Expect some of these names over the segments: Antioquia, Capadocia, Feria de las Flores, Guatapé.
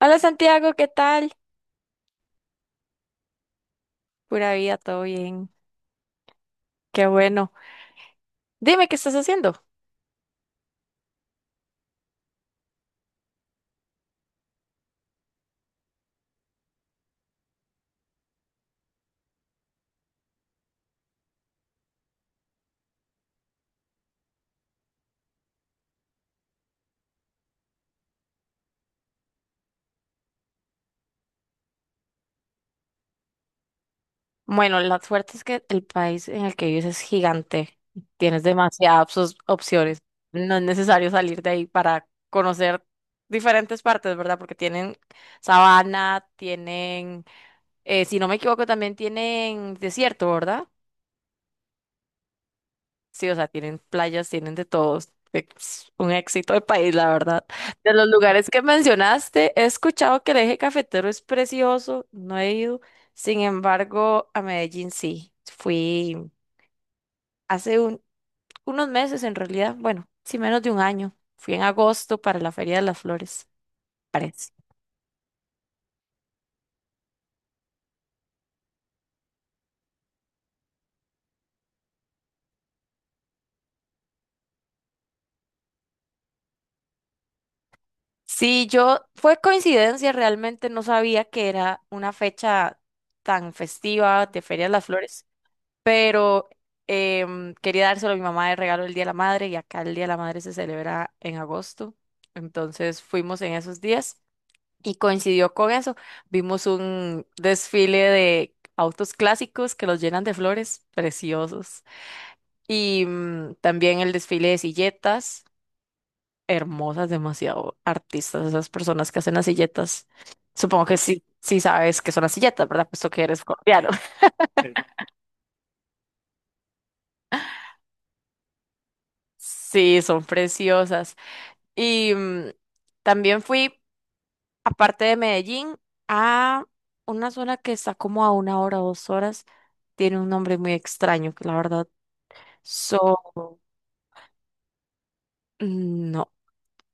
Hola Santiago, ¿qué tal? Pura vida, todo bien. Qué bueno. Dime, ¿qué estás haciendo? Bueno, la suerte es que el país en el que vives es gigante. Tienes demasiadas opciones. No es necesario salir de ahí para conocer diferentes partes, ¿verdad? Porque tienen sabana, tienen, si no me equivoco, también tienen desierto, ¿verdad? Sí, o sea, tienen playas, tienen de todos. Es un éxito de país, la verdad. De los lugares que mencionaste, he escuchado que el eje cafetero es precioso, no he ido. Sin embargo, a Medellín sí. Fui hace un- unos meses en realidad, bueno, sí menos de un año. Fui en agosto para la Feria de las Flores, parece. Sí, yo, fue coincidencia, realmente no sabía que era una fecha tan festiva de Feria de las Flores, pero quería dárselo a mi mamá de regalo el Día de la Madre, y acá el Día de la Madre se celebra en agosto. Entonces fuimos en esos días y coincidió con eso. Vimos un desfile de autos clásicos que los llenan de flores preciosos y también el desfile de silletas hermosas, demasiado artistas esas personas que hacen las silletas. Supongo que sí, sí sabes que son las silletas, ¿verdad? Puesto que eres colombiano. Sí, son preciosas. Y también fui, aparte de Medellín, a una zona que está como a una hora, o dos horas. Tiene un nombre muy extraño, que la verdad. So, mm, no,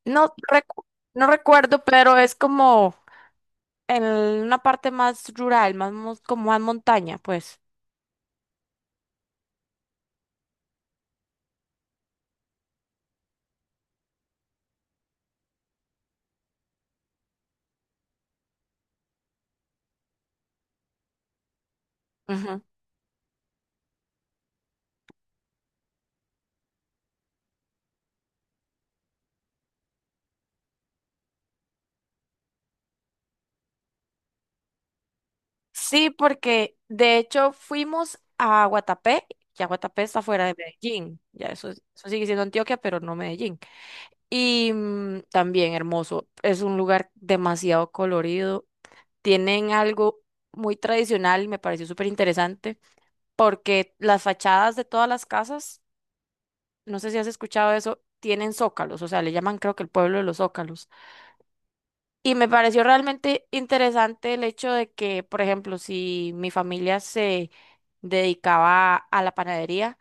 no, no recuerdo, pero es como en una parte más rural, como más montaña, pues. Ujú. Sí, porque de hecho fuimos a Guatapé, ya Guatapé está fuera de Medellín, ya eso, eso sigue siendo Antioquia, pero no Medellín. Y también hermoso, es un lugar demasiado colorido. Tienen algo muy tradicional y me pareció súper interesante porque las fachadas de todas las casas, no sé si has escuchado eso, tienen zócalos, o sea, le llaman creo que el pueblo de los zócalos. Y me pareció realmente interesante el hecho de que, por ejemplo, si mi familia se dedicaba a la panadería,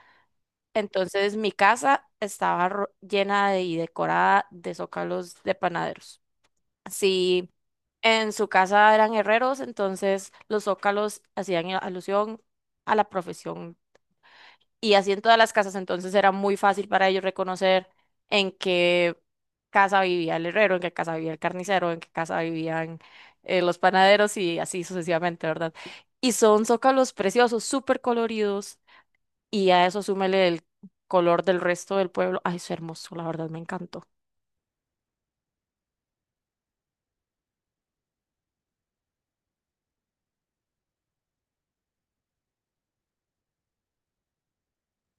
entonces mi casa estaba y decorada de zócalos de panaderos. Sí. En su casa eran herreros, entonces los zócalos hacían alusión a la profesión, y así en todas las casas, entonces era muy fácil para ellos reconocer en qué casa vivía el herrero, en qué casa vivía el carnicero, en qué casa vivían los panaderos, y así sucesivamente, ¿verdad? Y son zócalos preciosos, súper coloridos, y a eso súmele el color del resto del pueblo. Ay, es hermoso, la verdad, me encantó.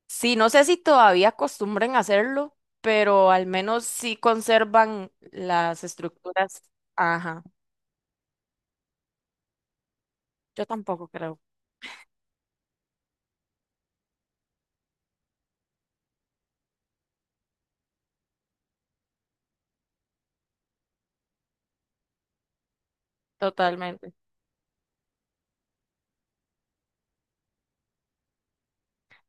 Sí, no sé si todavía acostumbren a hacerlo, pero al menos sí conservan las estructuras. Ajá, yo tampoco creo, totalmente.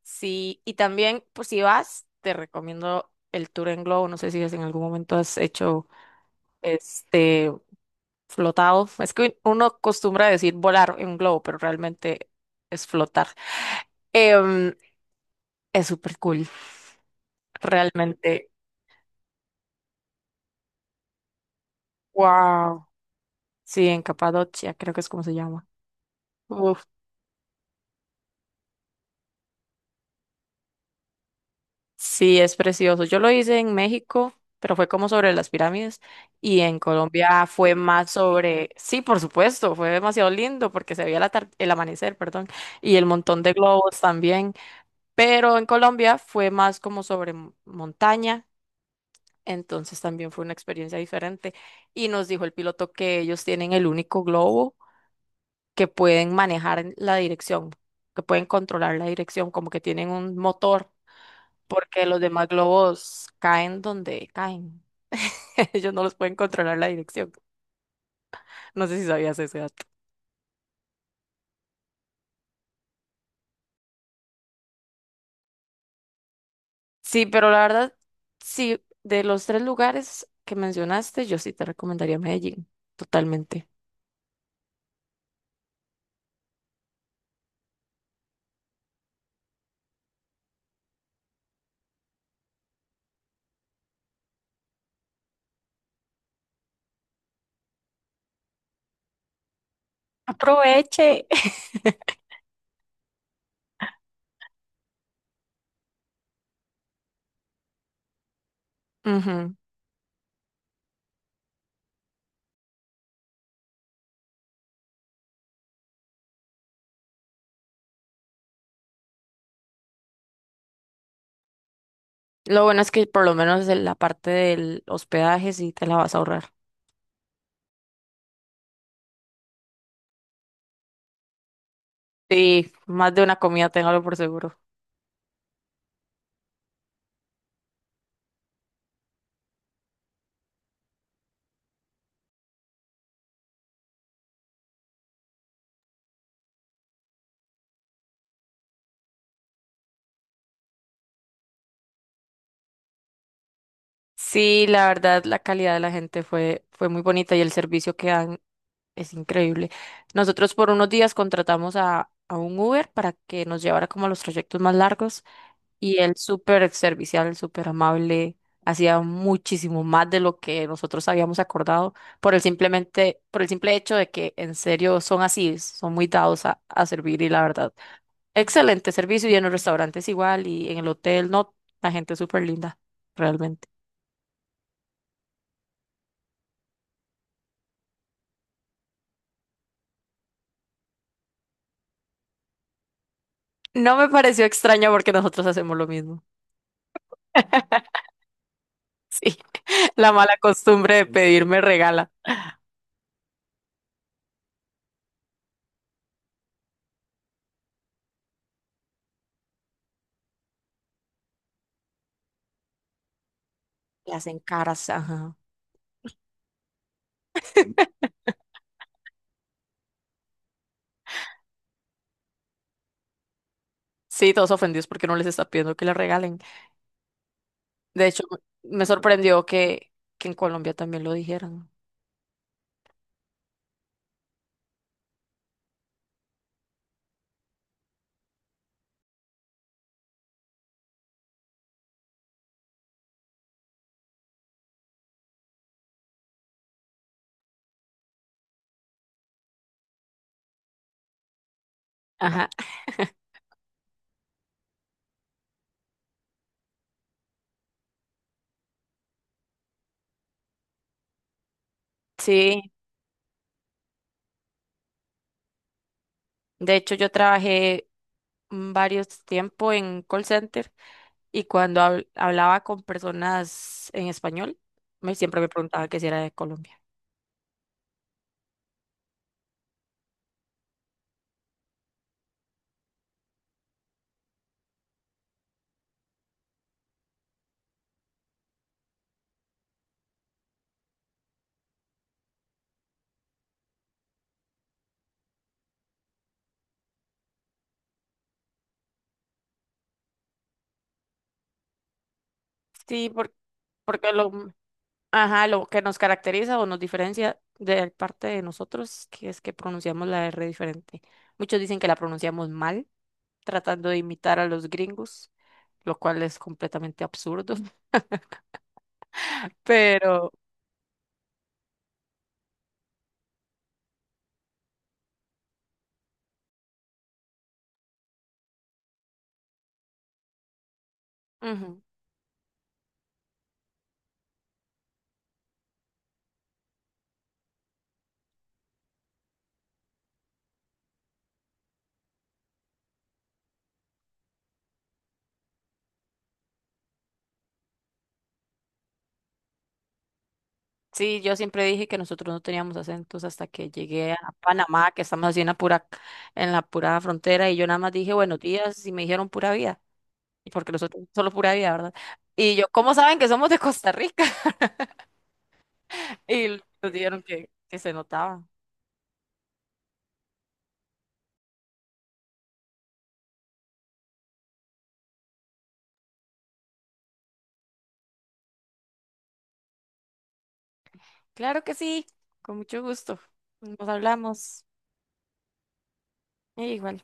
Sí, y también, pues si vas, te recomiendo el tour en globo. No sé si en algún momento has hecho este flotado. Es que uno acostumbra a decir volar en un globo, pero realmente es flotar. Em, es súper cool, realmente. Wow. Sí, en Capadocia, creo que es como se llama. Sí, es precioso. Yo lo hice en México, pero fue como sobre las pirámides. Y en Colombia fue más sobre, sí, por supuesto, fue demasiado lindo porque se veía el amanecer, perdón, y el montón de globos también. Pero en Colombia fue más como sobre montaña, entonces también fue una experiencia diferente. Y nos dijo el piloto que ellos tienen el único globo que pueden manejar en la dirección, que pueden controlar la dirección, como que tienen un motor, porque los demás globos caen donde caen. Ellos no los pueden controlar la dirección. No sé si sabías ese dato. Sí, pero la verdad, sí, de los tres lugares que mencionaste, yo sí te recomendaría Medellín, totalmente. Aproveche. Ujú. Lo bueno es que por lo menos en la parte del hospedaje sí te la vas a ahorrar. Sí, más de una comida, téngalo por seguro. Sí, la verdad, la calidad de la gente fue, fue muy bonita, y el servicio que dan es increíble. Nosotros por unos días contratamos a un Uber para que nos llevara como a los trayectos más largos, y él súper servicial, súper amable, hacía muchísimo más de lo que nosotros habíamos acordado por el simple hecho de que en serio son así, son muy dados a servir, y la verdad, excelente servicio, y en los restaurantes igual, y en el hotel, no, la gente es súper linda, realmente. No me pareció extraño porque nosotros hacemos lo mismo. Sí, la mala costumbre de pedirme regala. Le hacen caras, ajá. Sí, todos ofendidos porque no les está pidiendo que le regalen. De hecho, me sorprendió que en Colombia también lo dijeran. Ajá. Sí, de hecho yo trabajé varios tiempo en call center, y cuando hablaba con personas en español, me siempre me preguntaba que si era de Colombia. Sí, por- porque lo, Ajá, lo que nos caracteriza o nos diferencia de parte de nosotros, que es que pronunciamos la R diferente. Muchos dicen que la pronunciamos mal, tratando de imitar a los gringos, lo cual es completamente absurdo, pero ujú. Sí, yo siempre dije que nosotros no teníamos acentos hasta que llegué a Panamá, que estamos así en la pura frontera, y yo nada más dije buenos días y me dijeron pura vida, y porque nosotros solo pura vida, ¿verdad? Y yo, ¿cómo saben que somos de Costa Rica? Y nos dijeron que se notaba. Claro que sí, con mucho gusto. Nos hablamos. Y